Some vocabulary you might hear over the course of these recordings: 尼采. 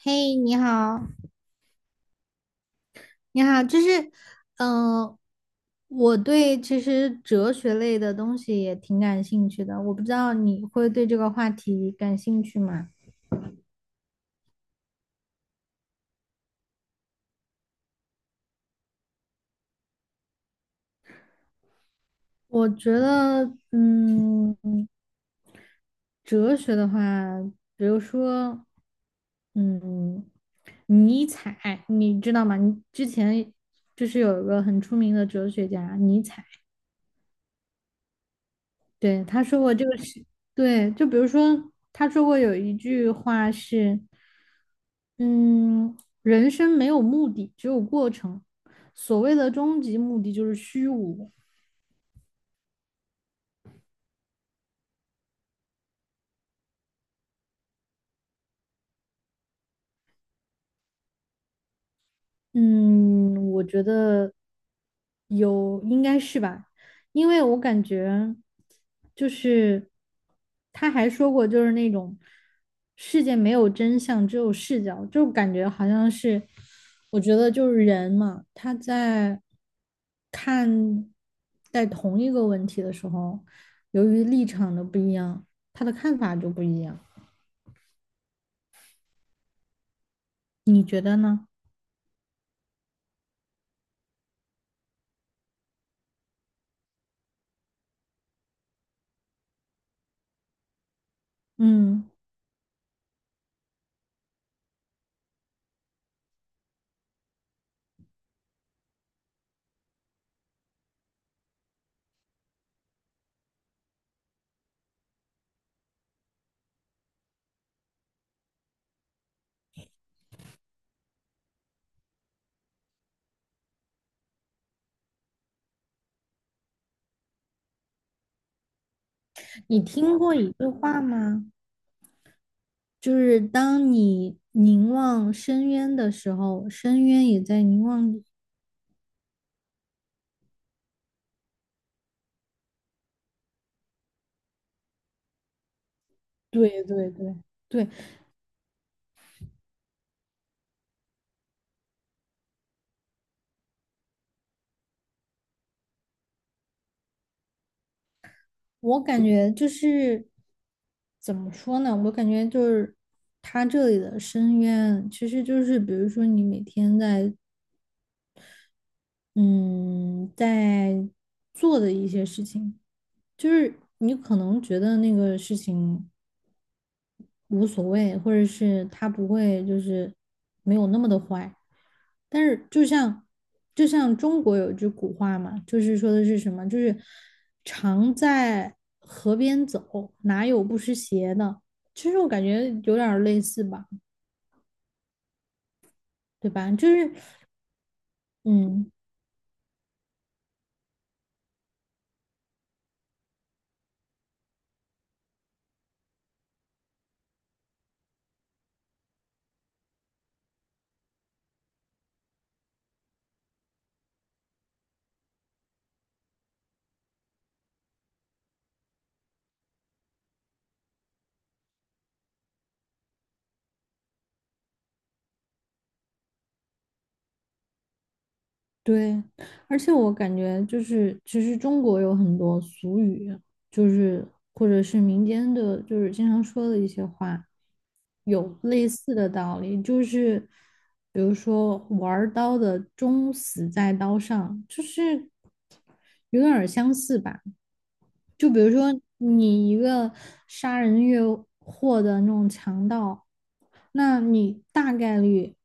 嘿，你好，你好，嗯、我对其实哲学类的东西也挺感兴趣的，我不知道你会对这个话题感兴趣吗？我觉得，哲学的话，比如说，嗯，尼采，你知道吗？你之前就是有一个很出名的哲学家尼采。对，他说过这个是，对，就比如说他说过有一句话是，嗯，人生没有目的，只有过程。所谓的终极目的就是虚无。嗯，我觉得有，应该是吧，因为我感觉就是他还说过，就是那种世界没有真相，只有视角，就感觉好像是，我觉得就是人嘛，他在看待同一个问题的时候，由于立场的不一样，他的看法就不一样，你觉得呢？嗯，你听过一句话吗？就是当你凝望深渊的时候，深渊也在凝望你。对对对对，我感觉就是怎么说呢？我感觉就是他这里的深渊，其实就是比如说你每天在做的一些事情，就是你可能觉得那个事情无所谓，或者是他不会没有那么的坏。但是就像中国有句古话嘛，就是说的是什么？就是常在河边走，哪有不湿鞋的？其实我感觉有点类似吧，对吧？嗯，对，而且我感觉就是其实中国有很多俗语，就是或者是民间的，就是经常说的一些话。有类似的道理，就是比如说玩刀的终死在刀上，就是有点儿相似吧。就比如说你一个杀人越货的那种强盗，那你大概率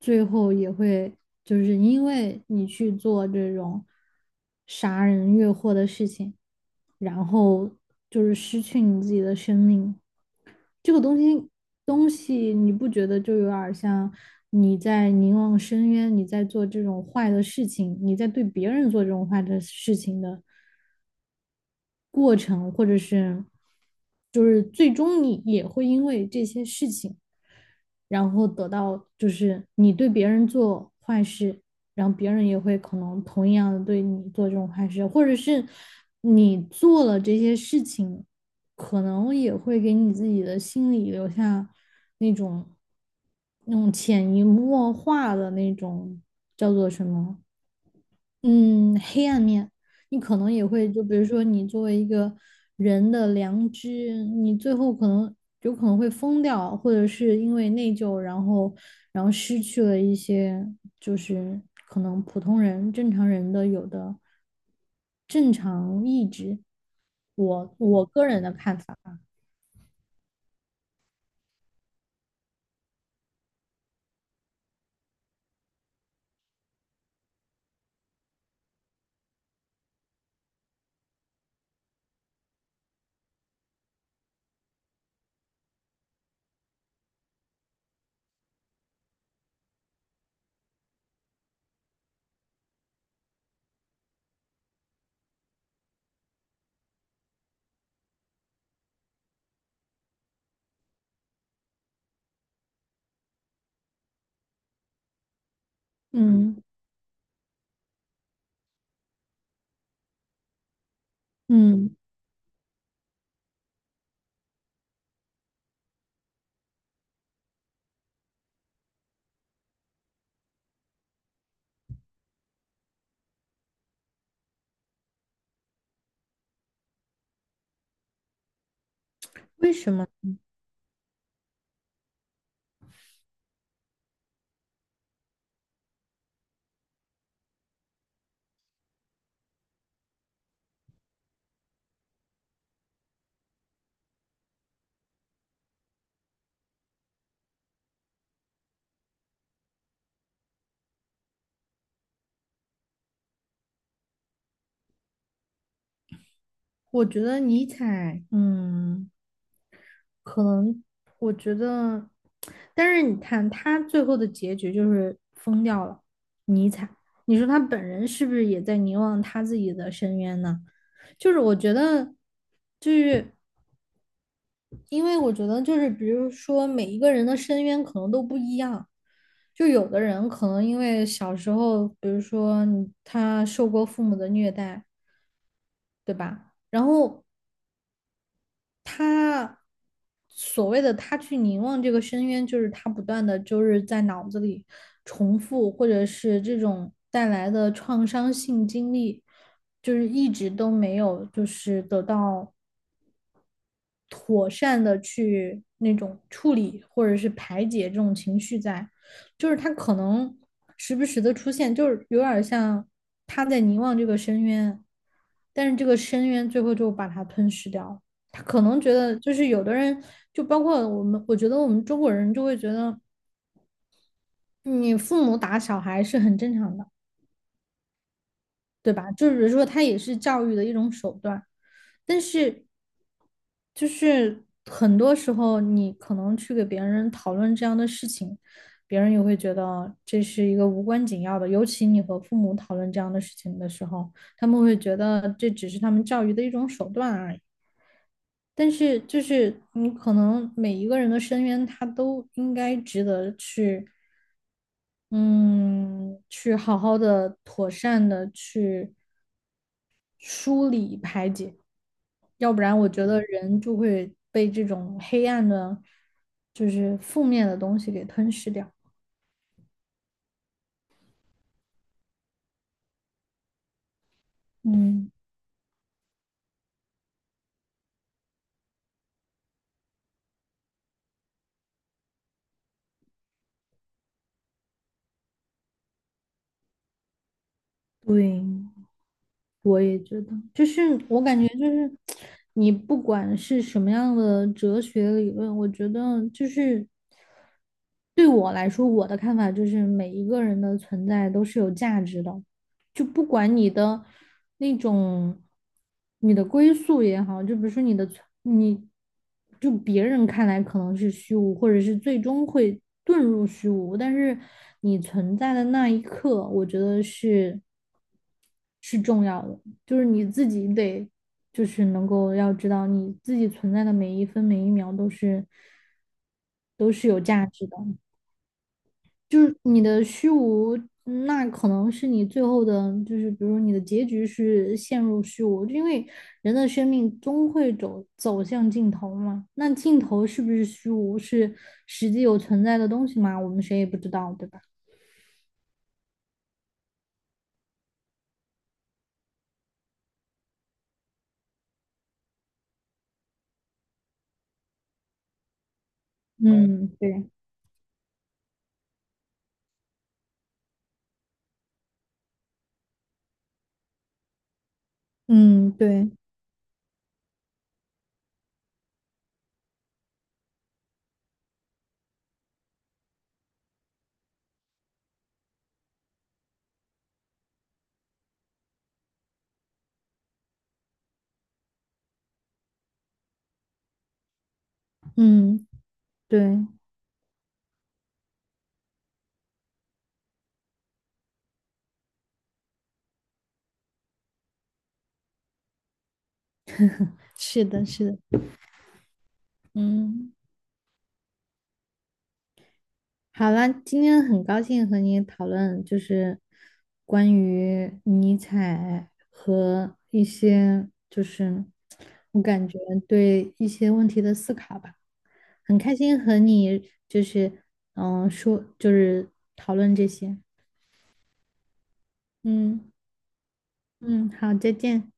最后也会就是因为你去做这种杀人越货的事情，然后就是失去你自己的生命。这个东西，你不觉得就有点像你在凝望深渊，你在做这种坏的事情，你在对别人做这种坏的事情的过程，或者是就是最终你也会因为这些事情然后得到就是你对别人做坏事，然后别人也会可能同样的对你做这种坏事，或者是你做了这些事情，可能也会给你自己的心里留下那种那种潜移默化的那种叫做什么嗯，黑暗面，你可能也会，就比如说你作为一个人的良知，你最后可能有可能会疯掉，或者是因为内疚，然后失去了一些，就是可能普通人、正常人的有的正常意志。我个人的看法，嗯嗯，为什么？我觉得尼采，嗯。可能我觉得，但是你看他最后的结局就是疯掉了，尼采。你说他本人是不是也在凝望他自己的深渊呢？就是我觉得，就是因为我觉得就是比如说每一个人的深渊可能都不一样，就有的人可能因为小时候，比如说你他受过父母的虐待，对吧？然后他所谓的他去凝望这个深渊，就是他不断的就是在脑子里重复，或者是这种带来的创伤性经历，就是一直都没有就是得到妥善的去那种处理或者是排解这种情绪在，就是他可能时不时的出现，就是有点像他在凝望这个深渊，但是这个深渊最后就把他吞噬掉了。他可能觉得，就是有的人，就包括我们，我觉得我们中国人就会觉得，嗯你父母打小孩是很正常的。对吧？就是说，它也是教育的一种手段，但是就是很多时候，你可能去给别人讨论这样的事情，别人也会觉得这是一个无关紧要的。尤其你和父母讨论这样的事情的时候，他们会觉得这只是他们教育的一种手段而已。但是，就是你可能每一个人的深渊，他都应该值得去，嗯，去好好的、妥善的去。梳理排解，要不然我觉得人就会被这种黑暗的，就是负面的东西给吞噬掉。嗯，对。我也觉得，就是我感觉就是你不管是什么样的哲学理论，我觉得就是对我来说，我的看法就是每一个人的存在都是有价值的，就不管你的那种你的归宿也好，就比如说你的存你就别人看来可能是虚无，或者是最终会遁入虚无，但是你存在的那一刻，我觉得是。是重要的，就是你自己得，就是能够要知道你自己存在的每一分每一秒都是有价值的，就是你的虚无，那可能是你最后的，就是比如你的结局是陷入虚无，因为人的生命终会走向尽头嘛，那尽头是不是虚无，是实际有存在的东西吗？我们谁也不知道，对吧？嗯，对，嗯，对，嗯，对，是的，是的。嗯，好了，今天很高兴和你讨论，就是关于尼采和一些，就是我感觉对一些问题的思考吧。很开心和你就是说就是讨论这些。嗯嗯，好，再见。